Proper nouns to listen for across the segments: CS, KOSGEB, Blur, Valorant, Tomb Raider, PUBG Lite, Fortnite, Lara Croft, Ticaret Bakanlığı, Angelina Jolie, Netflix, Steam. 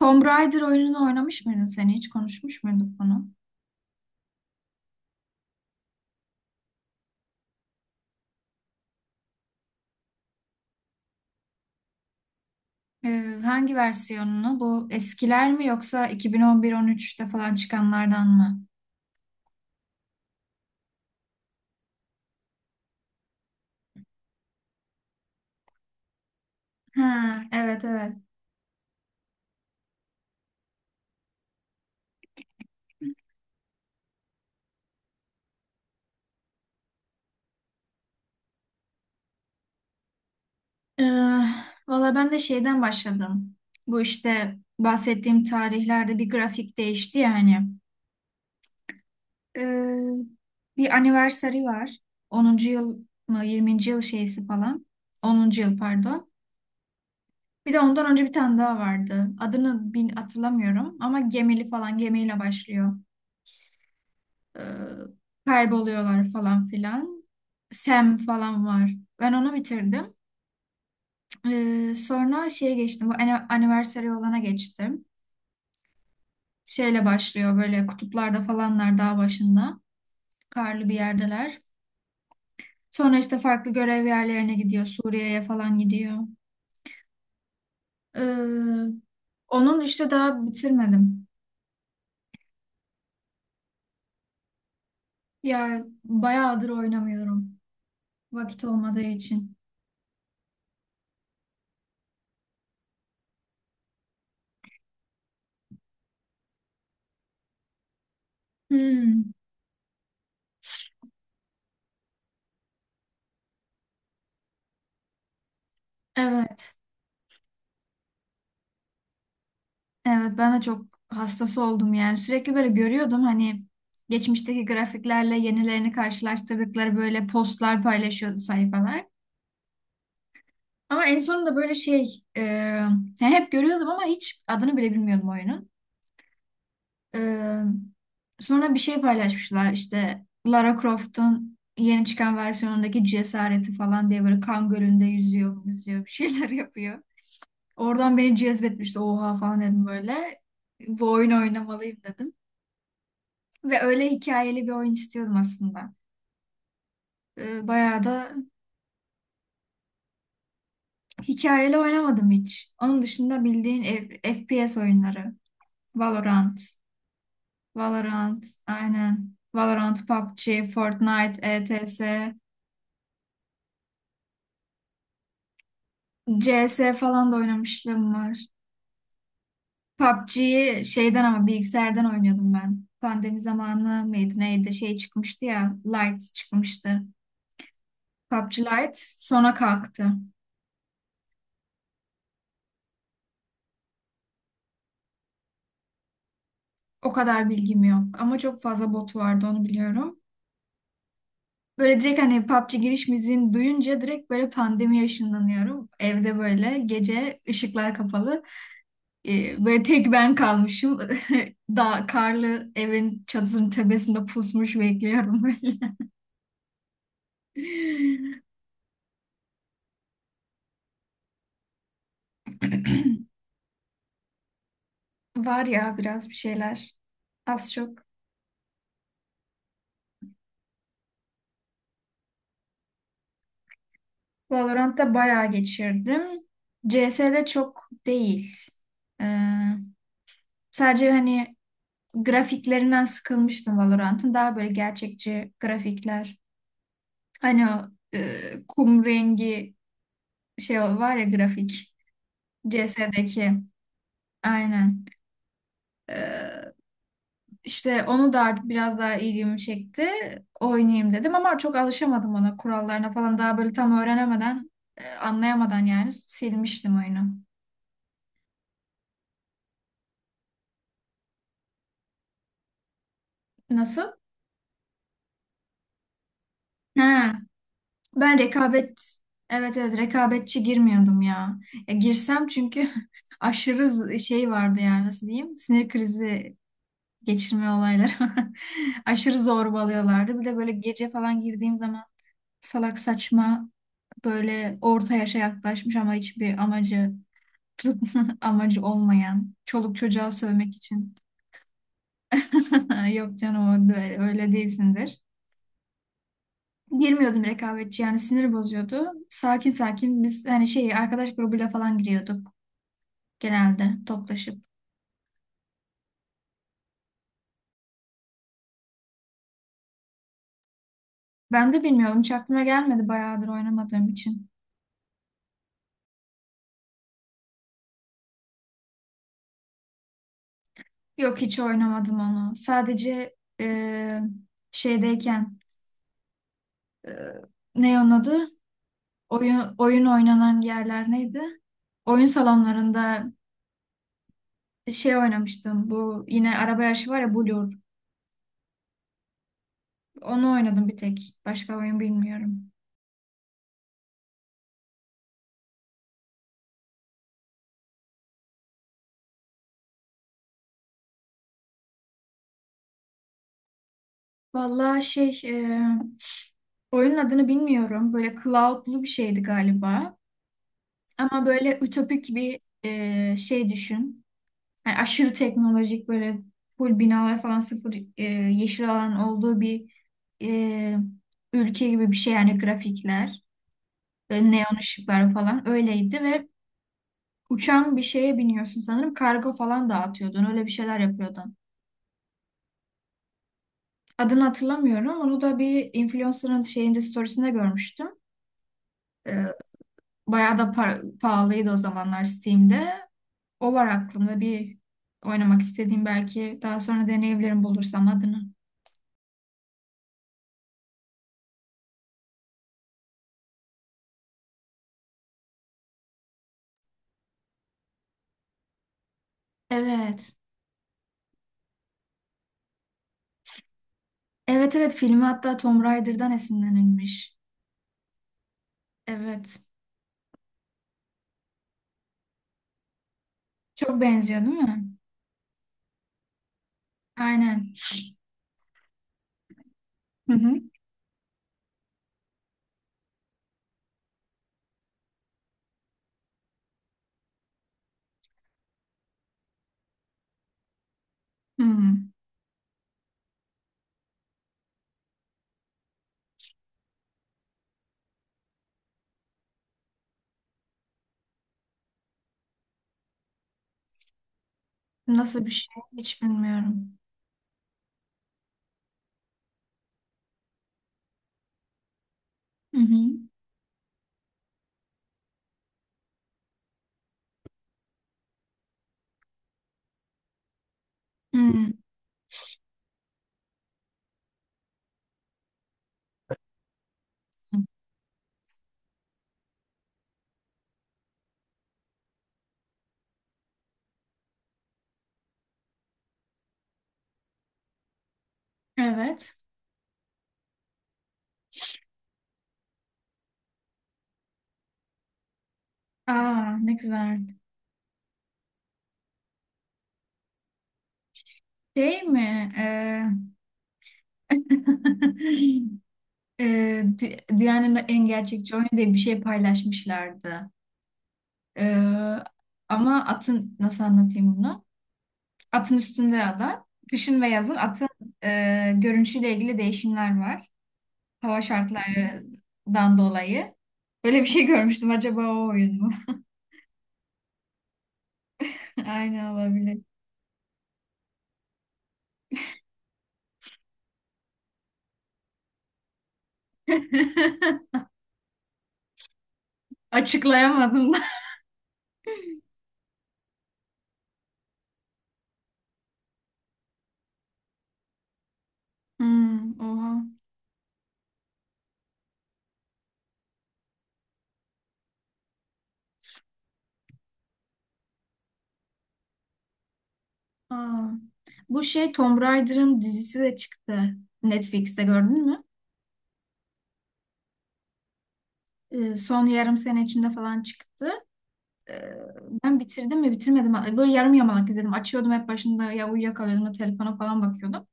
Tomb Raider oyununu oynamış mıydın sen hiç? Konuşmuş muyduk bunu? Hangi versiyonunu? Bu eskiler mi yoksa 2011-13'te falan çıkanlardan mı? Ha, evet. Ee, Valla ben de şeyden başladım. Bu işte bahsettiğim tarihlerde bir grafik değişti ya hani. Ee, Bir anniversary var. Onuncu yıl mı yirminci yıl şeysi falan. Onuncu yıl pardon. Bir de ondan önce bir tane daha vardı. Adını bin hatırlamıyorum ama gemili falan gemiyle başlıyor. Ee, Kayboluyorlar falan filan. Sam falan var. Ben onu bitirdim. Sonra şeye geçtim. Bu anniversary olana geçtim. Şeyle başlıyor böyle kutuplarda falanlar dağ başında. Karlı bir yerdeler. Sonra işte farklı görev yerlerine gidiyor. Suriye'ye falan gidiyor. Ee, Onun işte daha bitirmedim. Ya bayağıdır oynamıyorum. Vakit olmadığı için. Hmm, evet, evet, ben de çok hastası oldum yani. Sürekli böyle görüyordum hani geçmişteki grafiklerle yenilerini karşılaştırdıkları böyle postlar paylaşıyordu sayfalar. Ama en sonunda böyle şey yani hep görüyordum ama hiç adını bile bilmiyordum oyunun. E, Sonra bir şey paylaşmışlar işte Lara Croft'un yeni çıkan versiyonundaki cesareti falan diye böyle kan gölünde yüzüyor, yüzüyor bir şeyler yapıyor. Oradan beni cezbetmişti. Oha falan dedim böyle. Bu oyunu oynamalıyım dedim. Ve öyle hikayeli bir oyun istiyordum aslında. Bayağı da hikayeli oynamadım hiç. Onun dışında bildiğin FPS oyunları. Valorant. Valorant. Aynen. Valorant, PUBG, Fortnite, ETS, CS falan da oynamışlığım var. PUBG'yi şeyden ama bilgisayardan oynuyordum ben. Pandemi zamanı mıydı neydi şey çıkmıştı ya. Light çıkmıştı. PUBG Lite sonra kalktı. O kadar bilgim yok. Ama çok fazla botu vardı onu biliyorum. Böyle direkt hani PUBG giriş müziğini duyunca direkt böyle pandemiye ışınlanıyorum. Evde böyle gece ışıklar kapalı. Böyle tek ben kalmışım. Dağ, karlı evin çatısının tepesinde pusmuş bekliyorum böyle. Var ya biraz bir şeyler. Az çok. Valorant'ta bayağı geçirdim. CS'de çok değil. Ee, Sadece hani grafiklerinden sıkılmıştım Valorant'ın. Daha böyle gerçekçi grafikler. Hani o e, kum rengi şey var ya grafik. CS'deki. Aynen. E, işte onu da biraz daha ilgimi çekti. Oynayayım dedim ama çok alışamadım ona, kurallarına falan. Daha böyle tam öğrenemeden, anlayamadan yani silmiştim oyunu. Nasıl? Ha. Ben rekabet, evet rekabetçi girmiyordum ya. Ya girsem çünkü aşırı şey vardı yani, nasıl diyeyim? Sinir krizi geçirme olayları. Aşırı zorbalıyorlardı. Bir de böyle gece falan girdiğim zaman salak saçma böyle orta yaşa yaklaşmış ama hiçbir amacı amacı olmayan çoluk çocuğa sövmek için. Yok canım öyle değilsindir. Girmiyordum rekabetçi, yani sinir bozuyordu. Sakin biz hani şey arkadaş grubuyla falan giriyorduk genelde toplaşıp. Ben de bilmiyorum, hiç aklıma gelmedi bayağıdır oynamadığım için. Yok hiç oynamadım onu. Sadece e, şeydeyken e, ne onun adı? Oyun oynanan yerler neydi? Oyun salonlarında şey oynamıştım. Bu yine araba yarışı var ya Blur. Onu oynadım bir tek. Başka oyun bilmiyorum. Vallahi şey oyunun adını bilmiyorum. Böyle cloud'lu bir şeydi galiba. Ama böyle ütopik bir şey düşün. Yani aşırı teknolojik böyle full binalar falan, sıfır yeşil alan olduğu bir e, ülke gibi bir şey. Yani grafikler, neon ışıklar falan öyleydi ve uçan bir şeye biniyorsun, sanırım kargo falan dağıtıyordun, öyle bir şeyler yapıyordun. Adını hatırlamıyorum onu da, bir influencer'ın şeyinde, storiesinde görmüştüm. E, Bayağı da pahalıydı o zamanlar Steam'de. O var aklımda bir oynamak istediğim, belki daha sonra deneyebilirim bulursam adını. Evet. Evet, evet, filmi hatta Tomb Raider'dan esinlenilmiş. Evet. Çok benziyor değil mi? Aynen. Hı hı. Hı. Nasıl bir şey hiç bilmiyorum. Hı hı. Hı. Evet. Aa ne güzel. Şey mi? Ee, dünyanın en gerçekçi oyunu diye bir şey paylaşmışlardı. Ee, Ama atın, nasıl anlatayım bunu? Atın üstünde ada. Kışın ve yazın atın görünüşüyle ilgili değişimler var. Hava şartlarından dolayı. Böyle bir şey görmüştüm. Acaba o oyun mu? Aynen, olabilir. Açıklayamadım da. Hmm, oha. Aa. Bu şey Tomb Raider'ın dizisi de çıktı. Netflix'te gördün mü? Son yarım sene içinde falan çıktı. Ee, Ben bitirdim mi bitirmedim mi? Böyle yarım yamalak izledim. Açıyordum hep başında ya uyuyakalıyordum da telefona falan bakıyordum.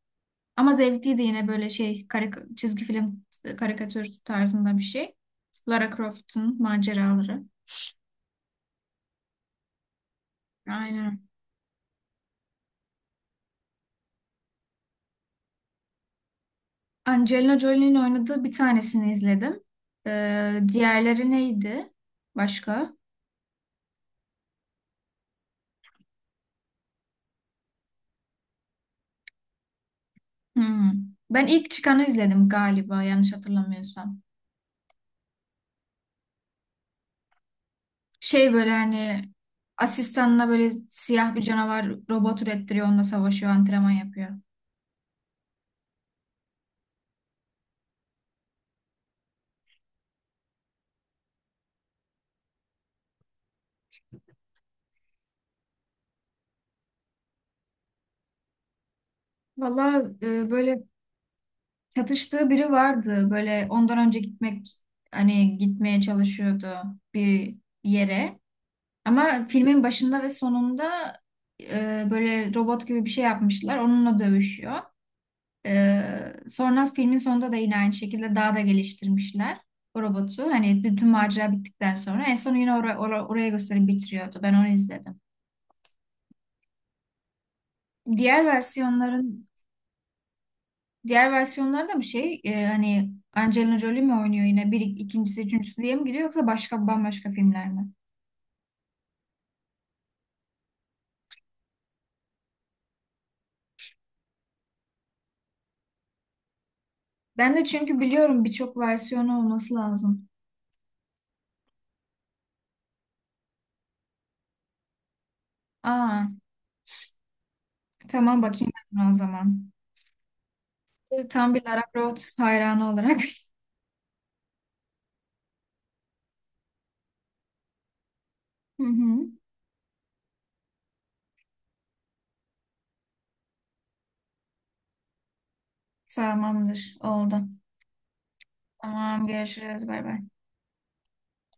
Ama zevkliydi yine böyle şey çizgi film karikatür tarzında bir şey. Lara Croft'un maceraları. Aynen. Angelina Jolie'nin oynadığı bir tanesini izledim. Diğerleri neydi? Başka? Hmm. Ben ilk çıkanı izledim galiba, yanlış hatırlamıyorsam. Şey böyle hani asistanına böyle siyah bir canavar robot ürettiriyor, onunla savaşıyor, antrenman yapıyor. Valla böyle çatıştığı biri vardı, böyle ondan önce gitmek, hani gitmeye çalışıyordu bir yere. Ama filmin başında ve sonunda böyle robot gibi bir şey yapmışlar, onunla dövüşüyor. Sonra filmin sonunda da yine aynı şekilde daha da geliştirmişler o robotu. Hani bütün macera bittikten sonra en son yine oraya gösterip bitiriyordu. Ben onu izledim. Diğer versiyonların Diğer versiyonlarda bir şey hani Angelina Jolie mi oynuyor yine, bir ikincisi üçüncüsü diye mi gidiyor, yoksa başka bambaşka filmler mi? Ben de çünkü biliyorum birçok versiyonu olması lazım. Aa tamam, bakayım ben buna o zaman. Tam bir Lara Croft hayranı olarak. Hı hı. Tamamdır, oldu. Tamam, görüşürüz. Bay bay.